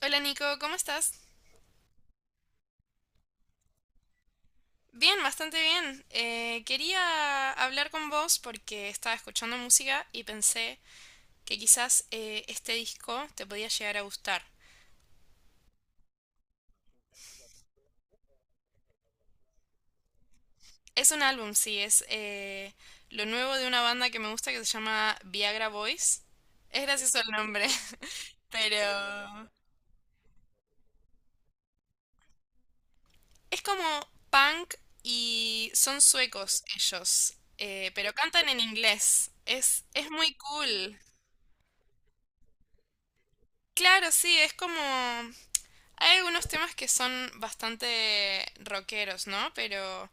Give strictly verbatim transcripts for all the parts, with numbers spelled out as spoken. Hola Nico, ¿cómo estás? Bien, bastante bien. Eh, quería hablar con vos porque estaba escuchando música y pensé que quizás eh, este disco te podía llegar a gustar. Es un álbum, sí, es eh, lo nuevo de una banda que me gusta que se llama Viagra Boys. Es gracioso el nombre, pero es como punk y son suecos ellos, eh, pero cantan en inglés. Es, es muy cool. Claro, sí, es como hay algunos temas que son bastante rockeros, ¿no? Pero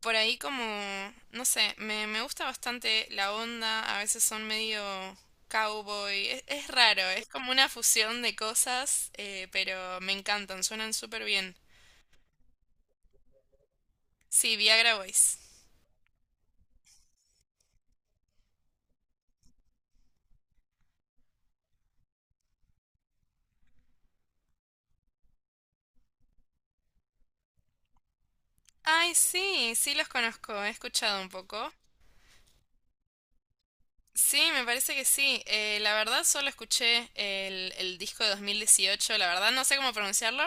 por ahí como, no sé, me, me gusta bastante la onda, a veces son medio cowboy, es, es raro, es como una fusión de cosas, eh, pero me encantan, suenan súper bien. Sí, Viagra Boys. Ay, sí, sí los conozco, he escuchado un poco. Sí, me parece que sí. Eh, la verdad solo escuché el, el disco de dos mil dieciocho, la verdad no sé cómo pronunciarlo.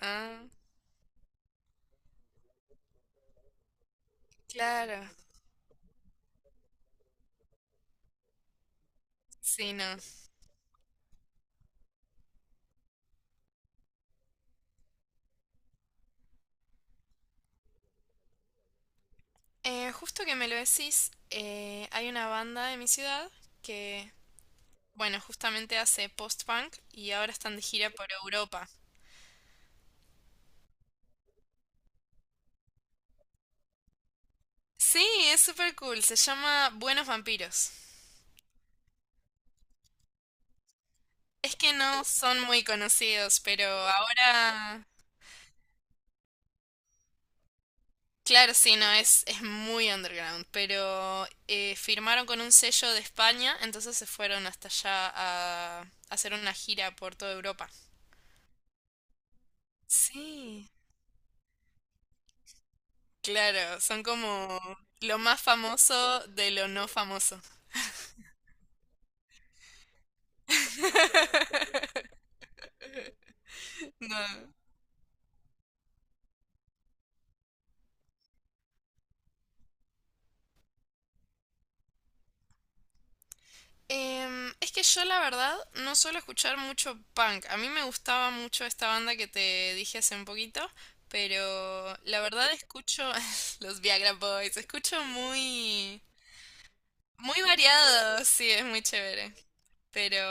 Ah, claro. Sí, no. Eh, justo que me lo decís, eh, hay una banda de mi ciudad que, bueno, justamente hace post-punk y ahora están de gira por Europa. Sí, es súper cool, se llama Buenos Vampiros. Es que no son muy conocidos, pero ahora... Claro, sí, no, es, es muy underground, pero eh, firmaron con un sello de España, entonces se fueron hasta allá a hacer una gira por toda Europa. Sí. Claro, son como lo más famoso de lo no famoso. No. Em, es que yo la verdad no suelo escuchar mucho punk. A mí me gustaba mucho esta banda que te dije hace un poquito, pero la verdad escucho los Viagra Boys, escucho muy muy variado, sí, es muy chévere, pero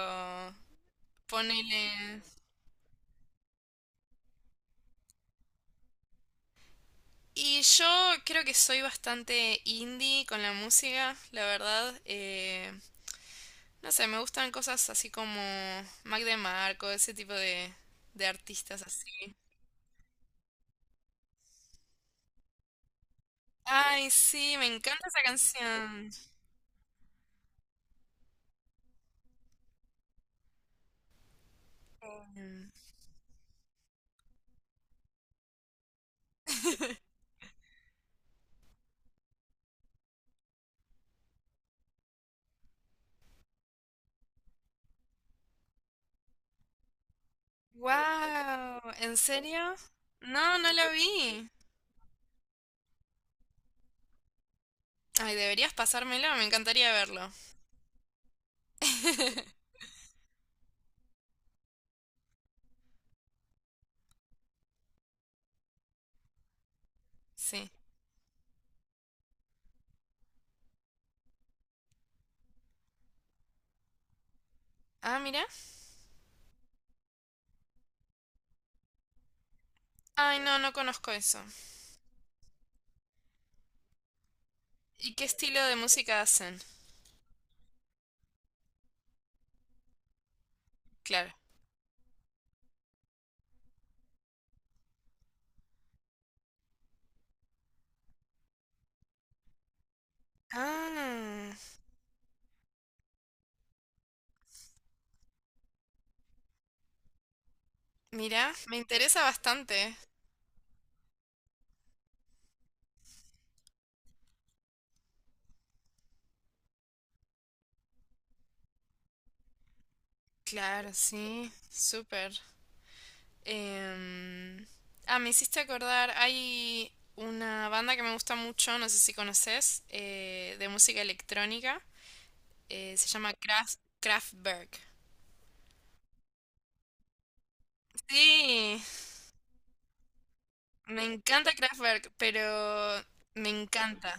ponele y yo creo que soy bastante indie con la música, la verdad. eh, No sé, me gustan cosas así como Mac DeMarco, ese tipo de, de artistas así. Ay, sí, me encanta esa canción. Wow, ¿en serio? No, no lo vi. Ay, deberías pasármelo, me encantaría verlo. Sí. Ah, mira. Ay, no, no conozco eso. ¿Y qué estilo de música hacen? Claro. Ah, mira, me interesa bastante. Claro, sí, súper. Em, ah, me hiciste acordar, hay una banda que me gusta mucho, no sé si conoces, eh, de música electrónica, eh, se llama Kraft- Kraftwerk. Sí, me encanta Kraftwerk, pero me encanta.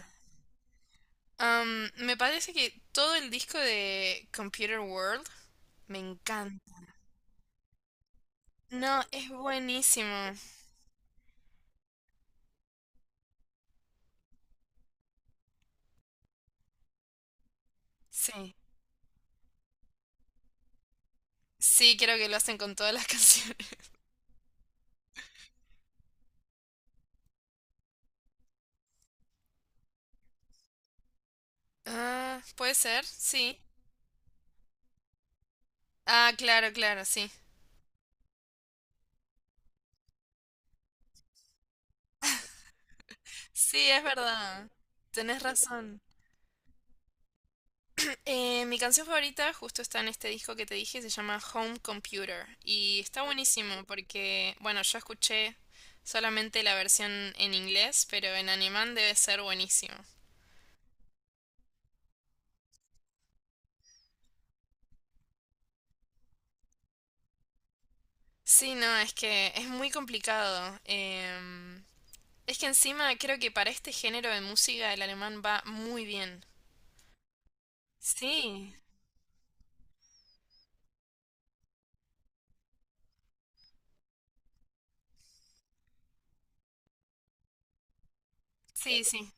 Am, me parece que todo el disco de Computer World me encanta. No, es buenísimo. Sí, sí, creo que lo hacen con todas las canciones. Ah, puede ser, sí. Ah, claro, claro, sí. Sí, es verdad. Tenés razón. Eh, mi canción favorita justo está en este disco que te dije, se llama Home Computer. Y está buenísimo porque, bueno, yo escuché solamente la versión en inglés, pero en alemán debe ser buenísimo. Sí, no, es que es muy complicado. Em, es que encima creo que para este género de música el alemán va muy bien. Sí, sí, sí.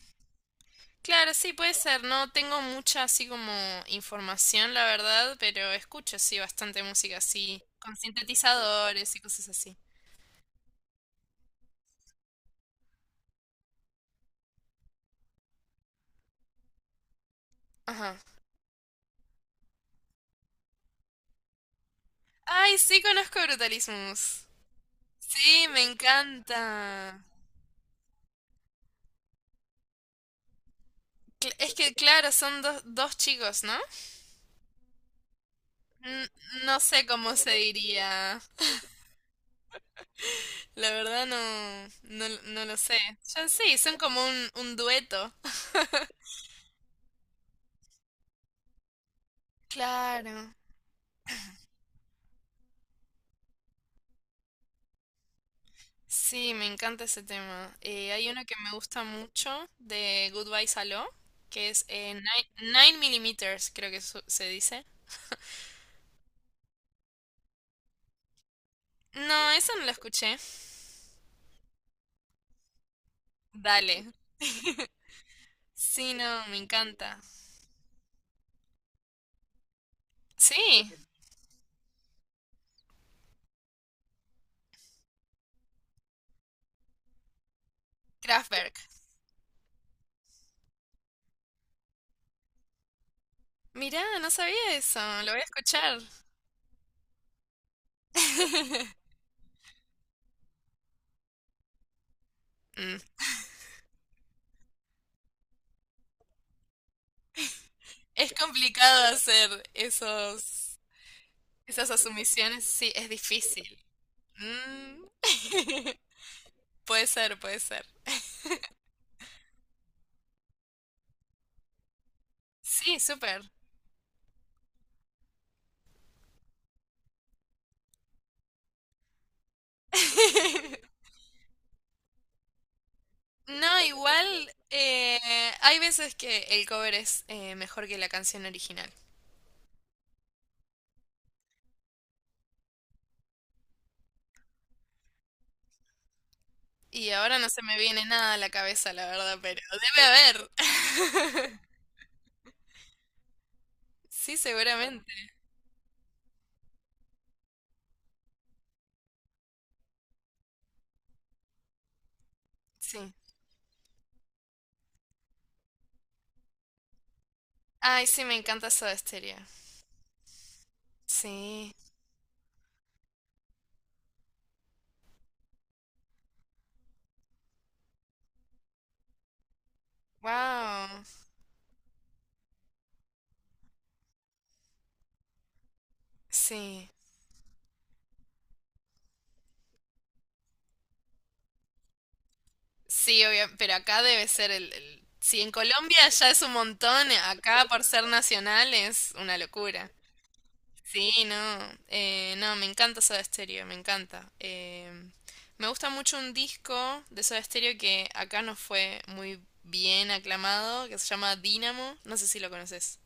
Claro, sí, puede ser. No tengo mucha así como información, la verdad, pero escucho sí bastante música así, con sintetizadores y cosas así. Ajá. Ay, sí conozco Brutalismus. Sí, me encanta. Cl- Es que, claro, son dos, dos chicos, ¿no? N- no sé cómo se diría. La verdad no, no, no lo sé. Ya sí, son como un, un dueto. Claro. Sí, me encanta ese tema. Eh, hay uno que me gusta mucho de Goodbye Saló, que es eh, nueve milímetros, creo que su- se dice. No, eso no lo escuché. Dale. Sí, no, me encanta. Sí, Kraftwerk. Mirá, no sabía eso, lo voy a escuchar. Mm. Es complicado hacer esos, esas asumiciones, sí, es difícil. Mm. Puede ser, puede ser. Sí, súper. No, igual eh, hay veces que el cover es eh, mejor que la canción original. Y ahora no se me viene nada a la cabeza, la verdad, pero debe haber. Sí, seguramente. Sí. Ay, sí, me encanta Soda Stereo. Sí. Wow. Sí. Sí, obvio, pero acá debe ser el, el- Si en Colombia ya es un montón, acá por ser nacional es una locura. Sí, no, eh, no, me encanta Soda Stereo, me encanta. Em, me gusta mucho un disco de Soda Stereo que acá no fue muy bien aclamado, que se llama Dynamo, no sé si lo conoces.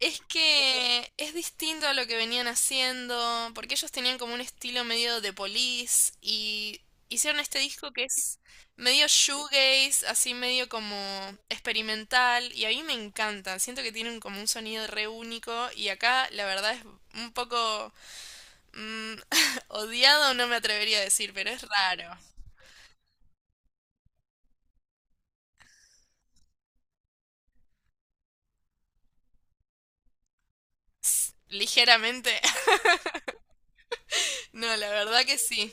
Es que es distinto a lo que venían haciendo, porque ellos tenían como un estilo medio de Police y hicieron este disco que es medio shoegaze, así medio como experimental y a mí me encanta, siento que tienen como un sonido re único y acá la verdad es un poco mm, odiado, no me atrevería a decir, pero es raro. Ligeramente. No, la verdad que sí.